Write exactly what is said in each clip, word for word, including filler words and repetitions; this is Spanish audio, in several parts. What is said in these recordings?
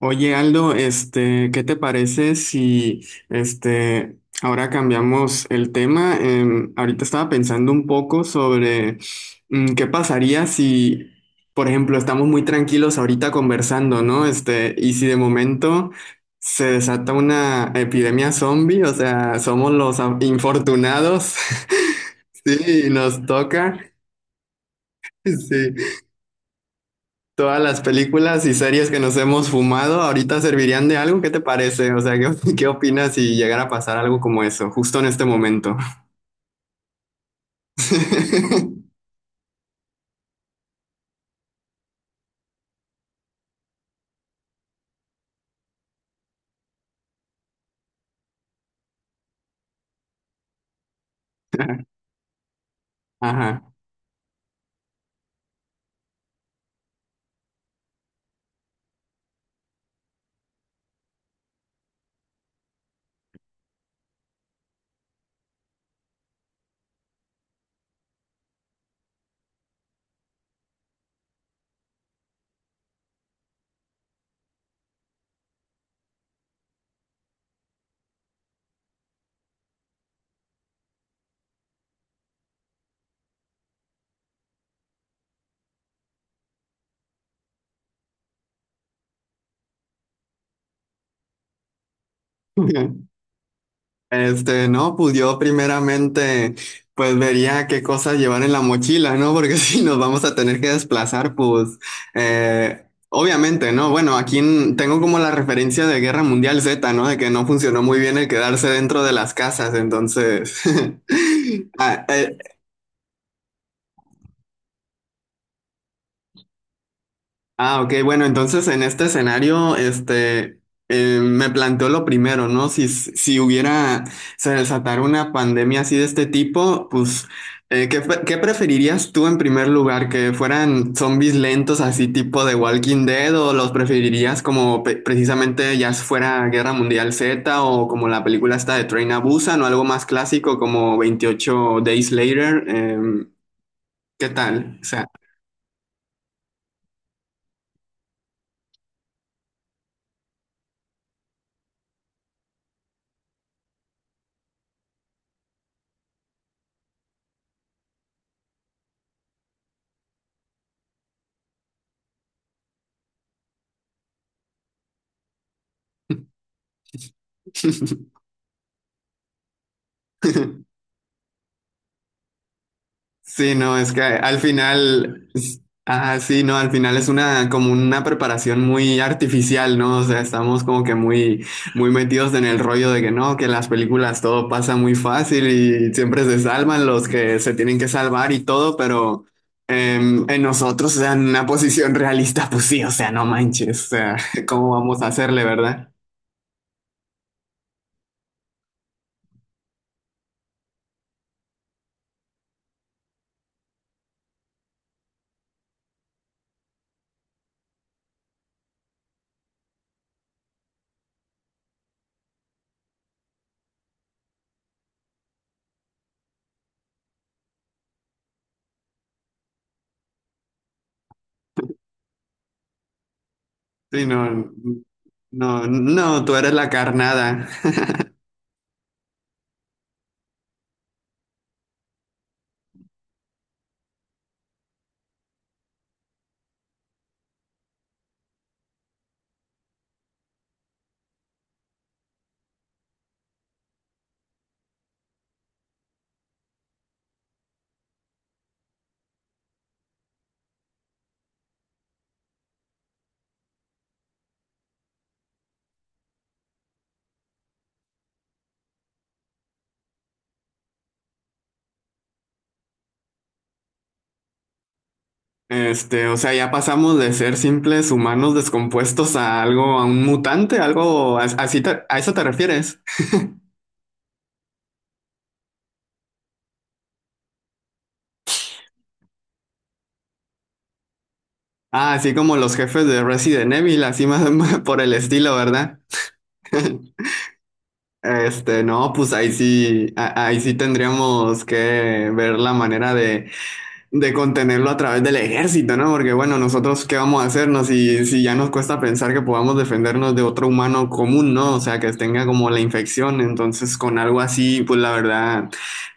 Oye, Aldo, este, ¿qué te parece si este ahora cambiamos el tema? Em, ahorita estaba pensando un poco sobre mm, qué pasaría si, por ejemplo, estamos muy tranquilos ahorita conversando, ¿no? Este, y si de momento se desata una epidemia zombie, o sea, somos los a- infortunados. Sí, nos toca. Sí, todas las películas y series que nos hemos fumado ahorita servirían de algo. ¿Qué te parece? O sea, ¿qué, ¿qué opinas si llegara a pasar algo como eso, justo en este momento? Ajá. Este, no, pues yo primeramente, pues vería qué cosas llevar en la mochila, ¿no? Porque si nos vamos a tener que desplazar, pues, eh, obviamente, ¿no? Bueno, aquí en- tengo como la referencia de Guerra Mundial Z, ¿no? De que no funcionó muy bien el quedarse dentro de las casas, entonces, ah, eh, ah, ok, bueno, entonces en este escenario, este, eh, me planteo lo primero, ¿no? Si, si hubiera, se desatara una pandemia así de este tipo, pues, eh, ¿qué, pre- ¿qué preferirías tú en primer lugar? ¿Que fueran zombies lentos así tipo de Walking Dead o los preferirías como pe- precisamente ya si fuera Guerra Mundial Z o como la película esta de Train a Busan o algo más clásico como veintiocho Days Later? Em, ¿qué tal? O sea... Sí, no, es que al final, s- ah, sí, no, al final es una como una preparación muy artificial, ¿no? O sea, estamos como que muy, muy metidos en el rollo de que no, que en las películas todo pasa muy fácil y siempre se salvan los que se tienen que salvar y todo, pero em, en nosotros, o sea, en una posición realista, pues sí, o sea, no manches, o sea, ¿cómo vamos a hacerle, verdad? Sí, no, no, no, tú eres la carnada. Este, o sea, ya pasamos de ser simples humanos descompuestos a algo, a un mutante, algo, a- así te- a eso te refieres. Ah, así como los jefes de Resident Evil, así más por el estilo, ¿verdad? Este, no, pues ahí sí, a- ahí sí tendríamos que ver la manera de de contenerlo a través del ejército, ¿no? Porque bueno, nosotros qué vamos a hacernos si, si ya nos cuesta pensar que podamos defendernos de otro humano común, ¿no? O sea, que tenga como la infección, entonces con algo así, pues la verdad,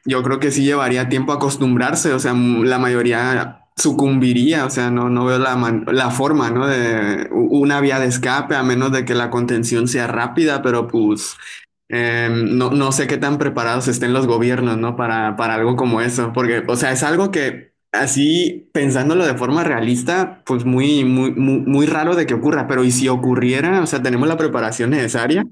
yo creo que sí llevaría tiempo acostumbrarse, o sea, m- la mayoría sucumbiría, o sea, no, no veo la, man- la forma, ¿no? De u- una vía de escape, a menos de que la contención sea rápida, pero pues eh, no, no sé qué tan preparados estén los gobiernos, ¿no? Para, para algo como eso, porque, o sea, es algo que así, pensándolo de forma realista, pues muy, muy, muy, muy raro de que ocurra, pero ¿y si ocurriera? O sea, ¿tenemos la preparación necesaria?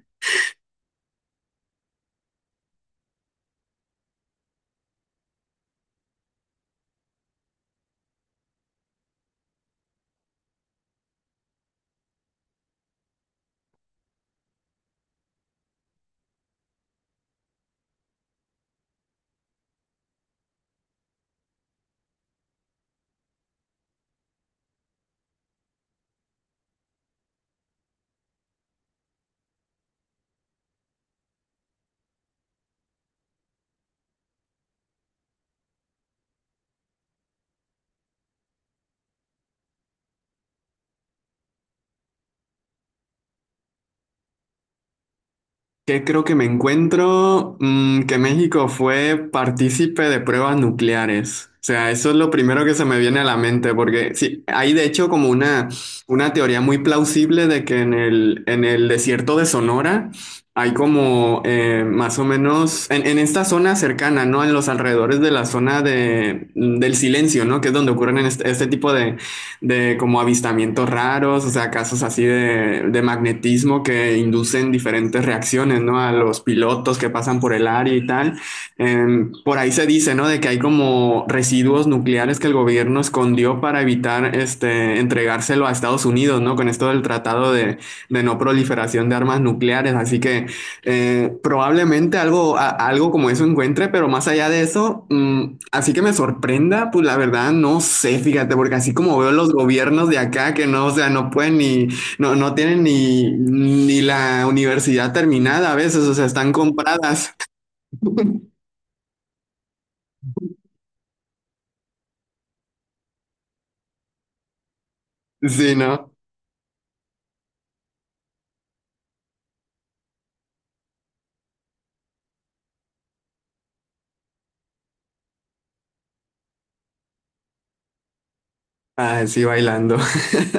¿Qué creo que me encuentro? Mm, que México fue partícipe de pruebas nucleares. O sea, eso es lo primero que se me viene a la mente, porque sí, hay de hecho como una, una teoría muy plausible de que en el, en el desierto de Sonora hay como eh, más o menos, en, en esta zona cercana, ¿no? En los alrededores de la zona de, del silencio, ¿no? Que es donde ocurren este, este tipo de, de como avistamientos raros, o sea, casos así de, de magnetismo que inducen diferentes reacciones, ¿no? A los pilotos que pasan por el área y tal. Eh, por ahí se dice, ¿no? De que hay como residuos nucleares que el gobierno escondió para evitar este, entregárselo a Estados Unidos, ¿no? Con esto del tratado de, de no proliferación de armas nucleares. Así que eh, probablemente algo, a- algo como eso encuentre, pero más allá de eso, mm, así que me sorprenda, pues la verdad no sé, fíjate, porque así como veo los gobiernos de acá que no, o sea, no pueden ni, no, no tienen ni, ni la universidad terminada a veces, o sea, están compradas. Sí, ¿no? Ah, sí, bailando,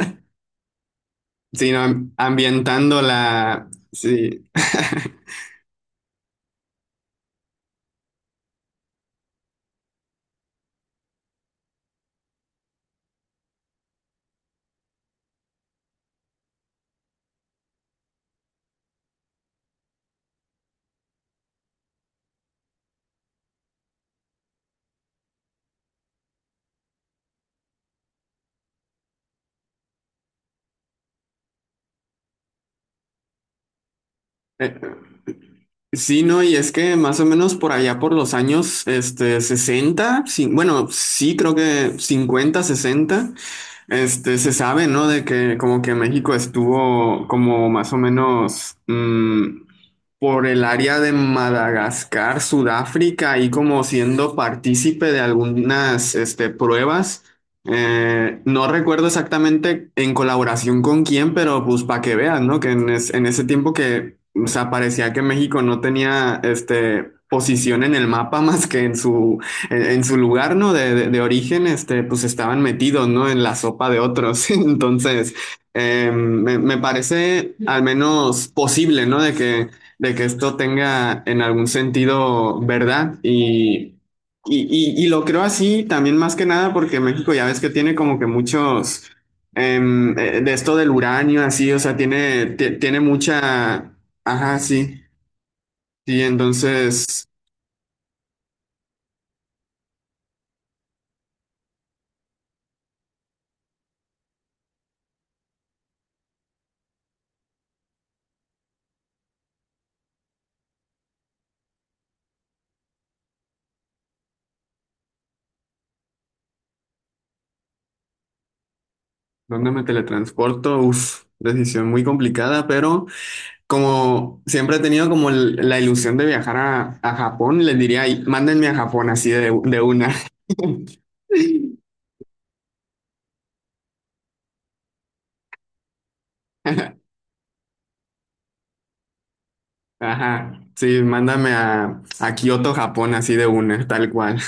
sí, ¿no? Ambientando la, sí. Sí, no, y es que más o menos por allá por los años este, sesenta, sí, bueno, sí creo que cincuenta, sesenta, este, se sabe, ¿no? De que como que México estuvo como más o menos mm, por el área de Madagascar, Sudáfrica, y como siendo partícipe de algunas este, pruebas, eh, no recuerdo exactamente en colaboración con quién, pero pues para que vean, ¿no? Que en, es- en ese tiempo que, o sea, parecía que México no tenía, este, posición en el mapa más que en su, en, en su lugar, ¿no? De, de- de origen, este, pues estaban metidos, ¿no? En la sopa de otros. Entonces, eh, me, me parece al menos posible, ¿no? De que, de que esto tenga en algún sentido verdad y... Y, y- y lo creo así también más que nada porque México ya ves que tiene como que muchos em, eh, de esto del uranio así, o sea, tiene, ti- tiene mucha, ajá, sí, sí, entonces, ¿dónde me teletransporto? Uf, decisión muy complicada, pero como siempre he tenido como el- la ilusión de viajar a, a Japón, les diría, "Ay, mándenme a Japón así de, de una". Ajá, sí, mándame a, a Kioto, Japón así de una, tal cual.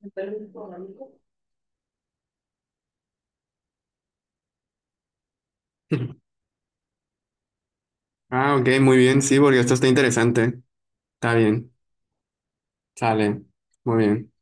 Ah, ok, muy bien, sí, porque esto está interesante. Está bien, sale, muy bien.